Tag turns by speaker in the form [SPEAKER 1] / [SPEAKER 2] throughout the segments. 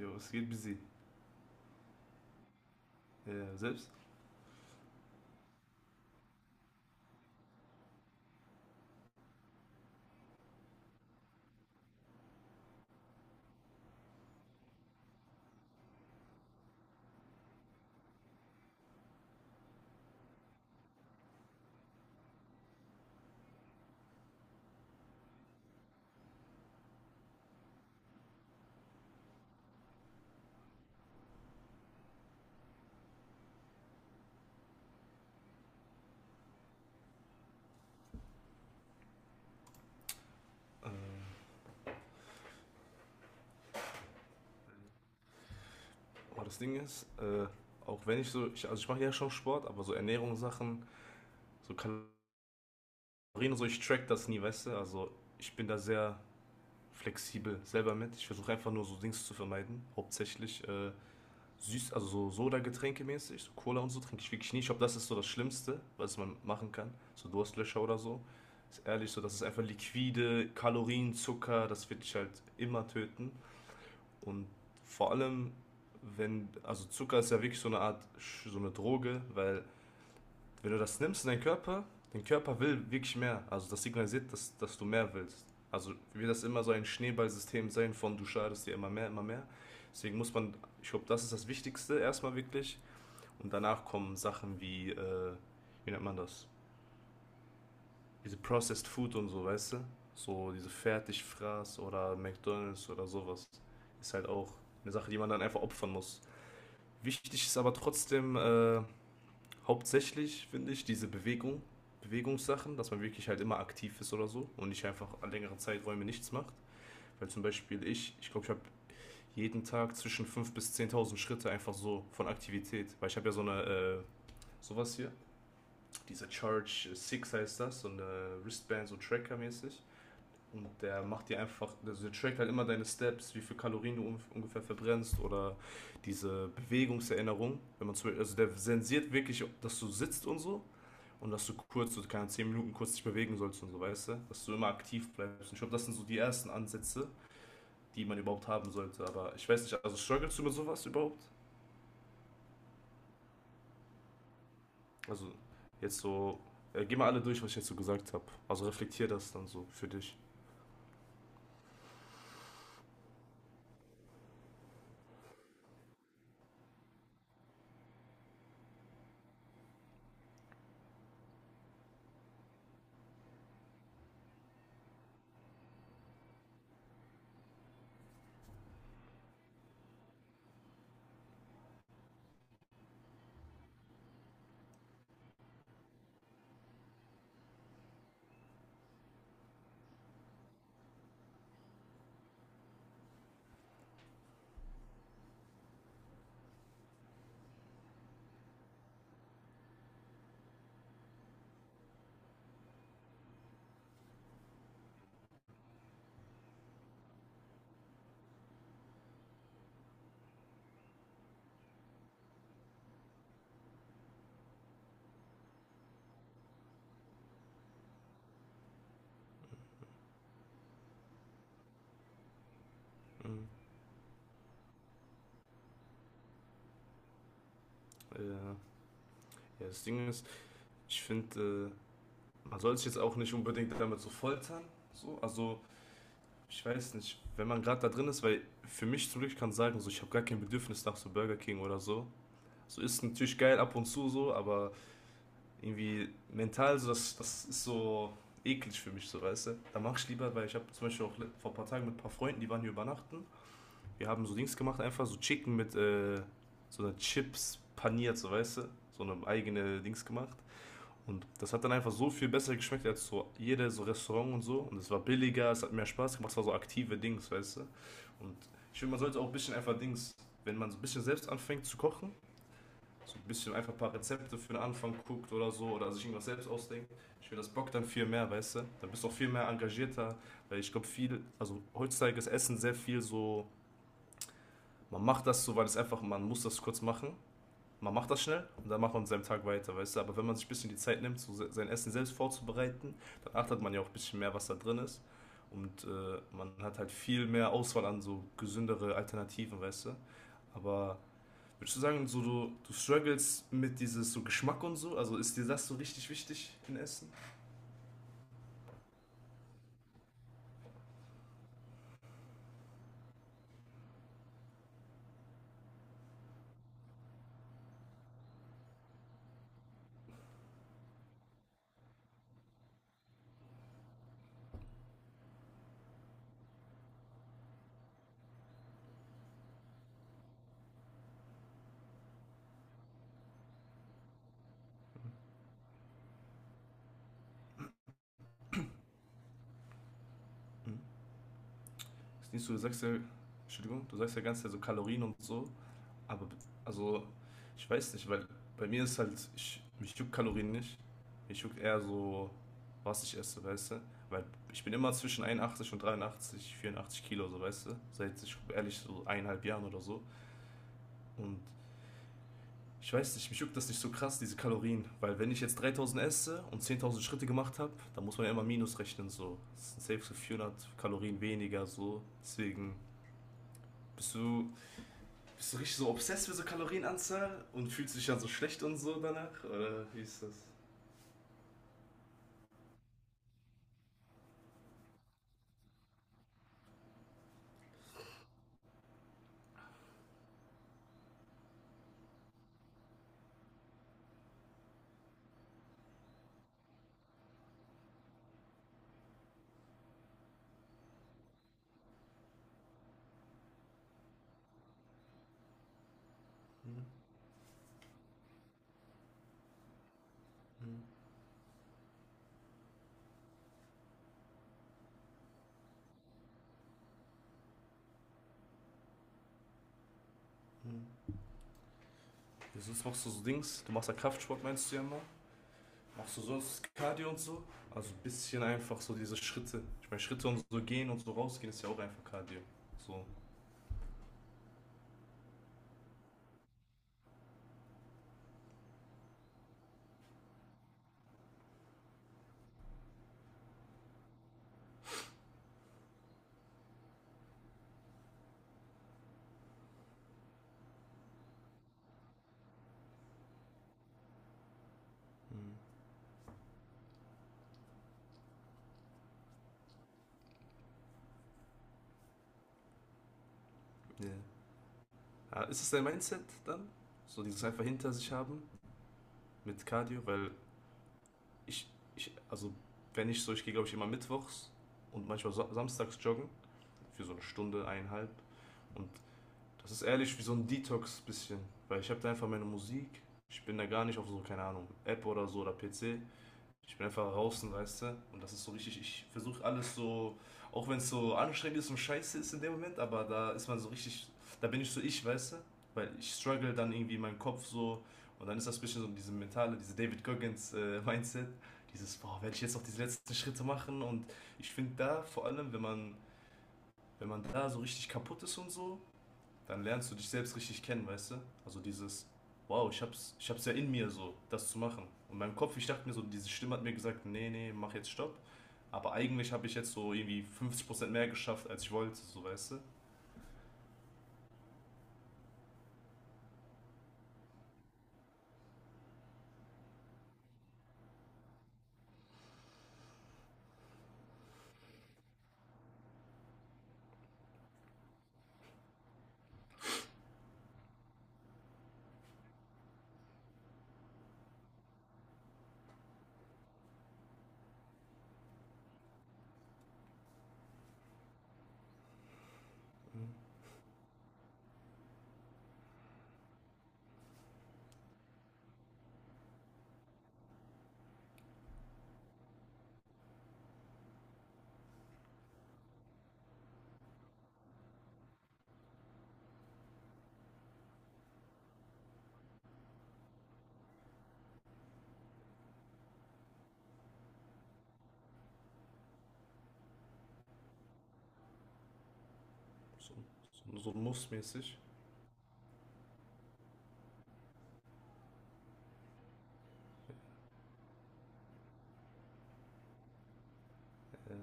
[SPEAKER 1] Jo, es geht busy. Selbst. Äh, aber das Ding ist, auch wenn ich so, also ich mache ja schon Sport, aber so Ernährungssachen, so Kalorien und so, ich track das nie, weißt du? Also ich bin da sehr flexibel selber mit. Ich versuche einfach nur so Dings zu vermeiden. Hauptsächlich süß, also so Soda-Getränke mäßig, so Cola und so trinke ich wirklich nie. Ich glaube, das ist so das Schlimmste, was man machen kann. So Durstlöscher oder so. Ist ehrlich so, das ist einfach liquide, Kalorien, Zucker, das wird dich halt immer töten. Und vor allem, wenn, also Zucker ist ja wirklich so eine Art, so eine Droge, weil wenn du das nimmst in deinen Körper, dein Körper will wirklich mehr. Also das signalisiert, dass du mehr willst. Also wird das immer so ein Schneeballsystem sein von du schadest dir immer mehr, immer mehr. Deswegen muss man, ich glaube, das ist das Wichtigste erstmal wirklich. Und danach kommen Sachen wie, wie nennt man das? Diese Processed Food und so, weißt du? So diese Fertigfraß oder McDonalds oder sowas. Ist halt auch eine Sache, die man dann einfach opfern muss. Wichtig ist aber trotzdem hauptsächlich, finde ich, diese Bewegung, Bewegungssachen, dass man wirklich halt immer aktiv ist oder so und nicht einfach an längeren Zeiträumen nichts macht. Weil zum Beispiel ich glaube, ich habe jeden Tag zwischen 5.000 bis 10.000 Schritte einfach so von Aktivität. Weil ich habe ja so eine, sowas hier, diese Charge 6 heißt das, so eine Wristband, so Tracker-mäßig. Und der macht dir einfach, also der trackt halt immer deine Steps, wie viel Kalorien du ungefähr verbrennst oder diese Bewegungserinnerung. Wenn man zum Beispiel, also der sensiert wirklich, dass du sitzt und so und dass du kurz, so keine 10 Minuten kurz dich bewegen sollst und so, weißt du? Dass du immer aktiv bleibst. Und ich glaube, das sind so die ersten Ansätze, die man überhaupt haben sollte. Aber ich weiß nicht, also strugglest du mit sowas überhaupt? Also jetzt so, geh mal alle durch, was ich jetzt so gesagt habe. Also reflektier das dann so für dich. Mhm. Äh, ja, das Ding ist, ich finde, man soll sich jetzt auch nicht unbedingt damit so foltern. So. Also, ich weiß nicht, wenn man gerade da drin ist, weil für mich zum Glück kann ich sagen, so, ich habe gar kein Bedürfnis nach so Burger King oder so. So ist natürlich geil ab und zu so, aber irgendwie mental, so, das ist so eklig für mich, so, weißt du. Da mache ich lieber, weil ich habe zum Beispiel auch vor ein paar Tagen mit ein paar Freunden, die waren hier übernachten. Wir haben so Dings gemacht, einfach so Chicken mit so einer Chips paniert, so, weißt du. So eine eigene Dings gemacht. Und das hat dann einfach so viel besser geschmeckt als so jedes so Restaurant und so. Und es war billiger, es hat mehr Spaß gemacht, es war so aktive Dings, weißt du. Und ich finde, man sollte auch ein bisschen einfach Dings, wenn man so ein bisschen selbst anfängt zu kochen, so ein bisschen einfach ein paar Rezepte für den Anfang guckt oder so oder sich irgendwas selbst ausdenkt. Ich finde, das bockt dann viel mehr, weißt du. Dann bist du auch viel mehr engagierter, weil ich glaube, viel, also heutzutage ist Essen sehr viel so, man macht das so, weil es einfach, man muss das kurz machen, man macht das schnell und dann macht man seinem Tag weiter, weißt du. Aber wenn man sich ein bisschen die Zeit nimmt, so sein Essen selbst vorzubereiten, dann achtet man ja auch ein bisschen mehr, was da drin ist. Und man hat halt viel mehr Auswahl an so gesündere Alternativen, weißt du. Aber würdest du sagen, so du struggles mit dieses so Geschmack und so? Also ist dir das so richtig wichtig in Essen? Hm? Ist nicht so, du sagst ja, Entschuldigung, du sagst ja ganz so Kalorien und so. Aber, also, ich weiß nicht, weil bei mir ist halt, ich, mich juckt Kalorien nicht. Mich juckt eher so, was ich esse, weißt du? Weil ich bin immer zwischen 81 und 83, 84 Kilo, so, weißt du? Seit, ich ehrlich, so eineinhalb Jahren oder so. Und ich weiß nicht, mich juckt das nicht so krass, diese Kalorien. Weil wenn ich jetzt 3.000 esse und 10.000 Schritte gemacht habe, dann muss man ja immer Minus rechnen, so. Das sind safe so 400 Kalorien weniger, so. Deswegen bist du bist du richtig so obsessed mit so Kalorienanzahl und fühlst dich dann so schlecht und so danach? Oder wie ist das? Hm, hm, hm. Ja, sonst machst du so Dings, du machst ja Kraftsport, meinst du ja mal? Machst du sonst Cardio und so? Also ein bisschen einfach so diese Schritte. Ich meine, Schritte und so gehen und so rausgehen ist ja auch einfach Cardio. So. Hm. Yeah. Ja. Ah, ist das dein Mindset dann? So dieses einfach hinter sich haben mit Cardio? Weil ich, ich also wenn ich so, ich gehe glaube ich immer mittwochs und manchmal so, samstags joggen. Für so eine Stunde, eineinhalb. Und das ist ehrlich wie so ein Detox bisschen, weil ich habe da einfach meine Musik. Ich bin da gar nicht auf so, keine Ahnung, App oder so oder PC. Ich bin einfach draußen, weißt du? Und das ist so richtig, ich versuche alles so, auch wenn es so anstrengend ist und scheiße ist in dem Moment, aber da ist man so richtig, da bin ich so ich, weißt du? Weil ich struggle dann irgendwie in meinem Kopf so und dann ist das ein bisschen so diese mentale, diese David Goggins Mindset, dieses, boah, werde ich jetzt noch diese letzten Schritte machen und ich finde da vor allem, wenn man da so richtig kaputt ist und so, dann lernst du dich selbst richtig kennen, weißt du? Also dieses, wow, ich hab's ja in mir so, das zu machen. Und meinem Kopf, ich dachte mir so, diese Stimme hat mir gesagt, nee, nee, mach jetzt Stopp. Aber eigentlich habe ich jetzt so irgendwie 50% mehr geschafft, als ich wollte, so weißt du? So, so, so mussmäßig. Äh,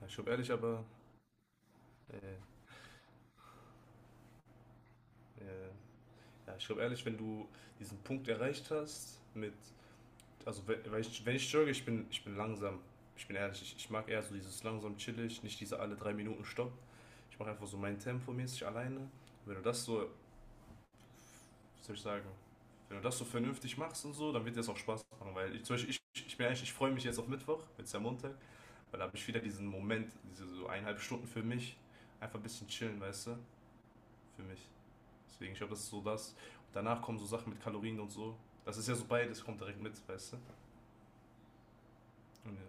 [SPEAKER 1] ja, ich glaube ehrlich, aber äh, äh, ja, ich glaube ehrlich, wenn du diesen Punkt erreicht hast mit, also wenn, wenn ich jogge, ich bin langsam. Ich bin ehrlich, ich mag eher so dieses langsam chillig, nicht diese alle 3 Minuten Stopp. Ich mache einfach so mein Tempo mäßig alleine. Und wenn du das so, wie soll ich sagen, wenn du das so vernünftig machst und so, dann wird dir das auch Spaß machen. Weil ich, zum Beispiel, ich bin ehrlich, ich freue mich jetzt auf Mittwoch, jetzt ist ja Montag, weil da habe ich wieder diesen Moment, diese so eineinhalb Stunden für mich, einfach ein bisschen chillen, weißt du, für mich. Deswegen, ich glaube, das ist so das. Und danach kommen so Sachen mit Kalorien und so. Das ist ja so beides, kommt direkt mit, weißt du. Und ja.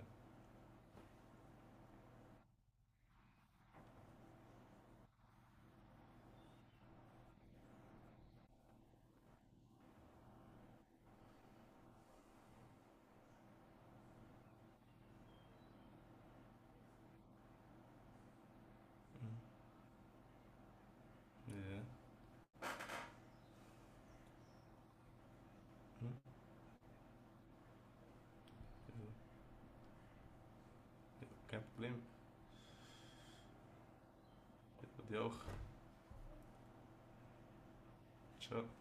[SPEAKER 1] Mhm. Ja. Mhm. Ja, kein Problem. Bei dir auch. Ciao.